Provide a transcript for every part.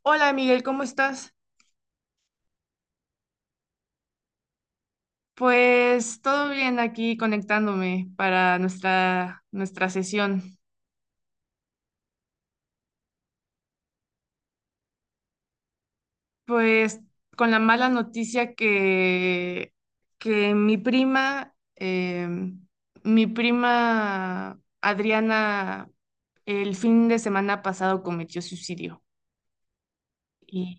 Hola Miguel, ¿cómo estás? Pues todo bien aquí conectándome para nuestra sesión. Pues con la mala noticia que mi prima Adriana, el fin de semana pasado cometió suicidio. Y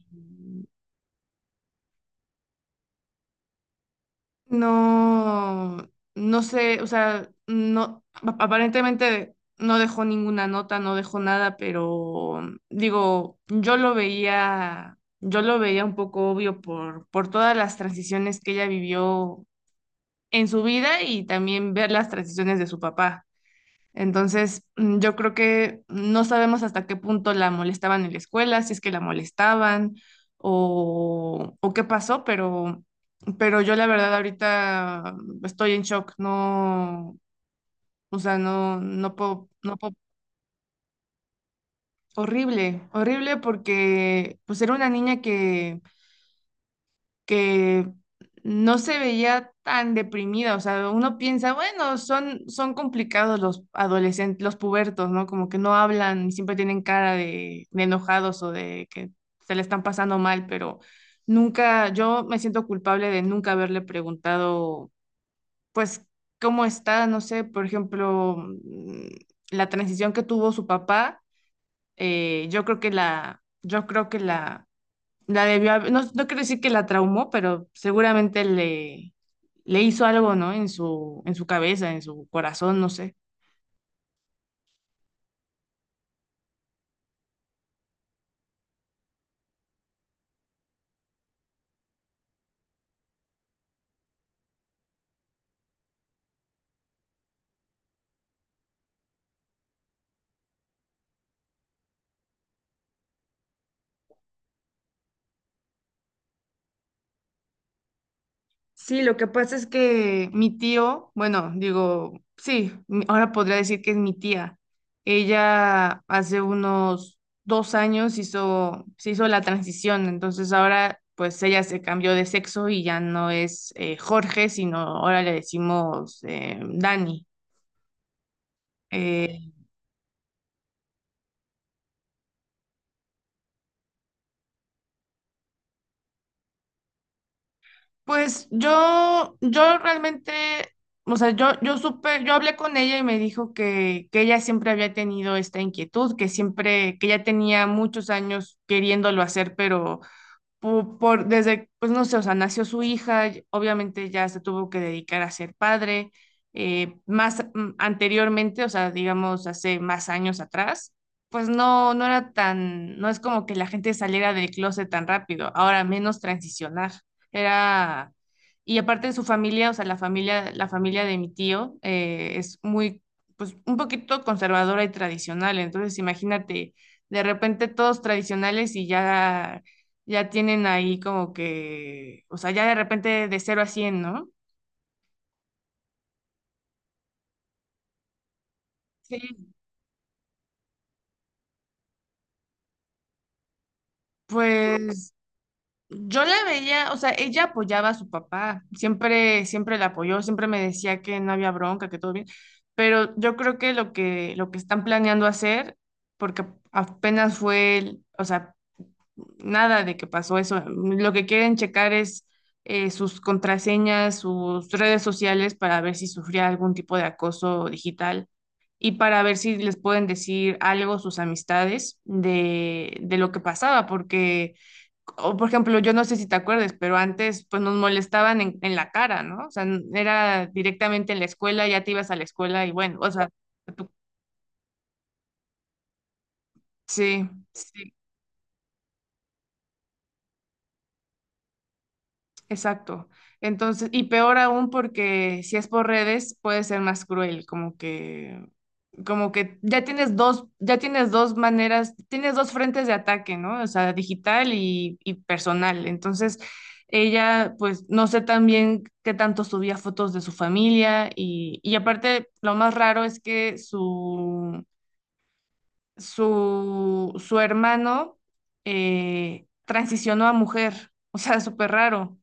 no, no sé, o sea, no, aparentemente no dejó ninguna nota, no dejó nada, pero digo, yo lo veía un poco obvio por todas las transiciones que ella vivió en su vida y también ver las transiciones de su papá. Entonces, yo creo que no sabemos hasta qué punto la molestaban en la escuela, si es que la molestaban o qué pasó, pero yo la verdad ahorita estoy en shock, no, o sea, no, no puedo, no puedo. Horrible, horrible porque pues era una niña que no se veía tan deprimida. O sea, uno piensa, bueno, son complicados los adolescentes, los pubertos, ¿no? Como que no hablan y siempre tienen cara de enojados o de que se le están pasando mal, pero nunca, yo me siento culpable de nunca haberle preguntado, pues, ¿cómo está? No sé, por ejemplo, la transición que tuvo su papá. Yo creo que la, yo creo que la No, no quiero decir que la traumó, pero seguramente le hizo algo, ¿no? en su cabeza, en su corazón, no sé. Sí, lo que pasa es que mi tío, bueno, digo, sí, ahora podría decir que es mi tía. Ella hace unos 2 años se hizo la transición, entonces ahora pues ella se cambió de sexo y ya no es Jorge, sino ahora le decimos Dani. Eh, Pues yo realmente, o sea, yo supe, yo hablé con ella y me dijo que ella siempre había tenido esta inquietud, que siempre, que ya tenía muchos años queriéndolo hacer, pero desde, pues no sé, o sea, nació su hija, y obviamente ya se tuvo que dedicar a ser padre. Más anteriormente, o sea, digamos, hace más años atrás, pues no, no es como que la gente saliera del closet tan rápido, ahora menos transicionar, era, y aparte de su familia, o sea, la familia, de mi tío es muy, pues un poquito conservadora y tradicional, entonces imagínate, de repente todos tradicionales y ya tienen ahí como que, o sea, ya de repente de cero a cien, ¿no? Sí, pues yo la veía, o sea, ella apoyaba a su papá, siempre, siempre la apoyó, siempre me decía que no había bronca, que todo bien, pero yo creo que, lo que están planeando hacer, porque apenas fue, o sea, nada de que pasó eso, lo que quieren checar es sus contraseñas, sus redes sociales para ver si sufría algún tipo de acoso digital y para ver si les pueden decir algo sus amistades de lo que pasaba, porque, o por ejemplo, yo no sé si te acuerdes, pero antes pues nos molestaban en, la cara, ¿no? O sea, era directamente en la escuela, ya te ibas a la escuela y bueno, o sea, tú- sí, sí, exacto. Entonces, y peor aún porque si es por redes puede ser más cruel, como que, ya tienes dos maneras, tienes dos frentes de ataque, ¿no? O sea, digital y personal. Entonces, ella, pues, no sé también qué tanto subía fotos de su familia y aparte, lo más raro es que su, hermano transicionó a mujer, o sea, súper raro.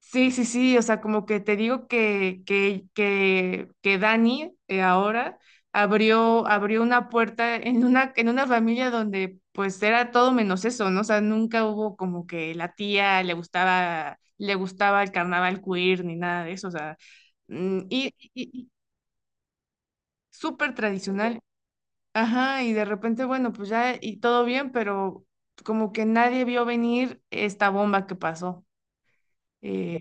Sí, sí, sí, o sea, como que te digo que, Dani ahora abrió, una puerta en una familia donde pues era todo menos eso, ¿no? O sea, nunca hubo como que la tía le gustaba el carnaval queer ni nada de eso, o sea, mm, y, y súper tradicional, ajá, y de repente, bueno, pues ya y todo bien, pero como que nadie vio venir esta bomba que pasó, eh,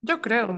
yo creo.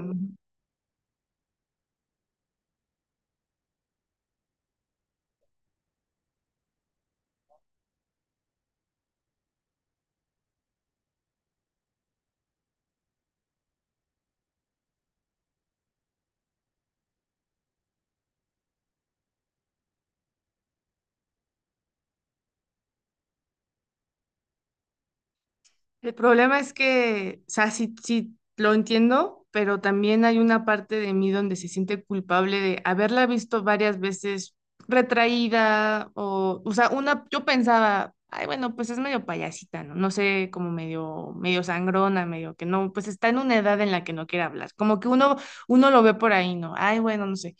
El problema es que, o sea, sí, sí lo entiendo, pero también hay una parte de mí donde se siente culpable de haberla visto varias veces retraída o sea, yo pensaba, ay, bueno, pues es medio payasita, ¿no? No sé, como medio, medio sangrona, medio que no, pues está en una edad en la que no quiere hablar. Como que uno lo ve por ahí, ¿no? Ay, bueno, no sé.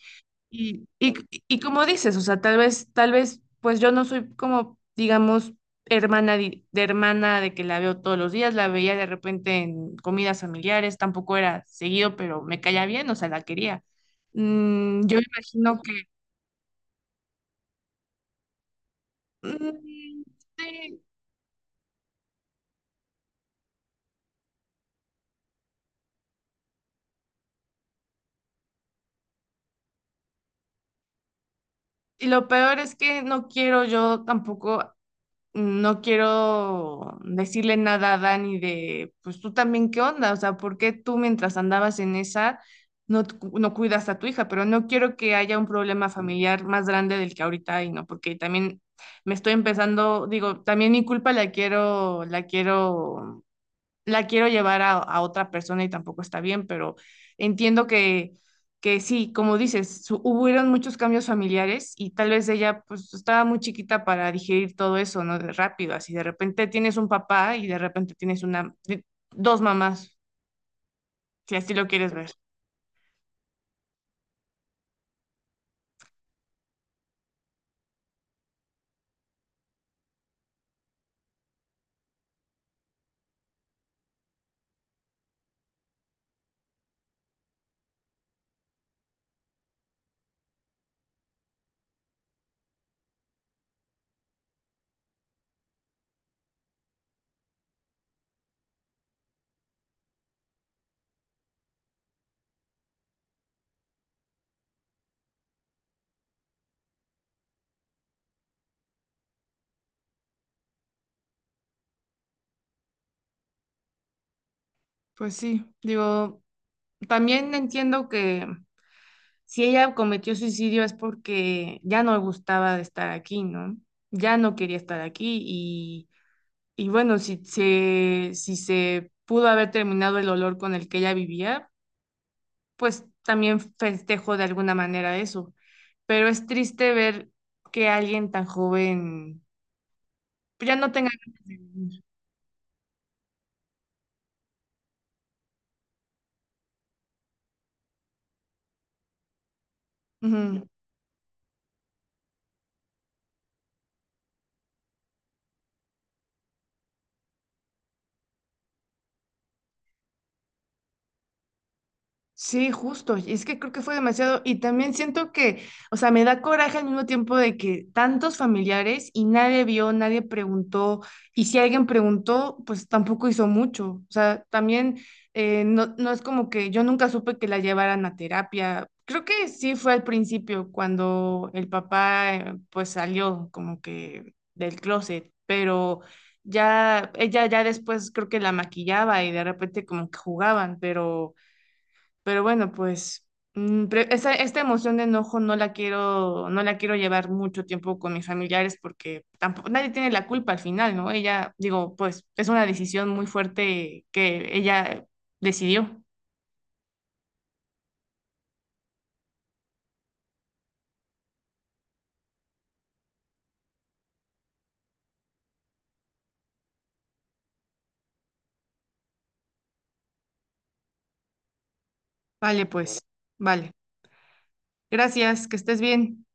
Y, y, y como dices, o sea, tal vez, pues yo no soy como, digamos, hermana de que la veo todos los días, la veía de repente en comidas familiares, tampoco era seguido, pero me caía bien, o sea, la quería. Yo imagino que... Mm, sí, y lo peor es que no quiero yo tampoco no quiero decirle nada a Dani de, pues tú también qué onda, o sea, ¿por qué tú mientras andabas en esa no, no cuidas a tu hija? Pero no quiero que haya un problema familiar más grande del que ahorita hay, ¿no? Porque también me estoy empezando, digo, también mi culpa la quiero llevar a otra persona y tampoco está bien, pero entiendo que sí, como dices, hubieron muchos cambios familiares y tal vez ella pues estaba muy chiquita para digerir todo eso, ¿no? De rápido, así de repente tienes un papá y de repente tienes dos mamás, si así lo quieres ver. Pues sí, digo, también entiendo que si ella cometió suicidio es porque ya no le gustaba de estar aquí, ¿no? Ya no quería estar aquí Y bueno, si se pudo haber terminado el olor con el que ella vivía, pues también festejo de alguna manera eso. Pero es triste ver que alguien tan joven ya no tenga ganas de vivir. Ujú. Sí, justo. Y es que creo que fue demasiado. Y también siento que, o sea, me da coraje al mismo tiempo de que tantos familiares y nadie vio, nadie preguntó. Y si alguien preguntó, pues tampoco hizo mucho. O sea, también no, no es como que yo nunca supe que la llevaran a terapia. Creo que sí fue al principio cuando el papá pues salió como que del closet, pero ya ella ya después creo que la maquillaba y de repente como que jugaban, pero bueno, pues esta emoción de enojo no la quiero, no la quiero llevar mucho tiempo con mis familiares porque tampoco, nadie tiene la culpa al final, ¿no? Ella, digo, pues es una decisión muy fuerte que ella decidió. Vale, pues, vale. Gracias, que estés bien.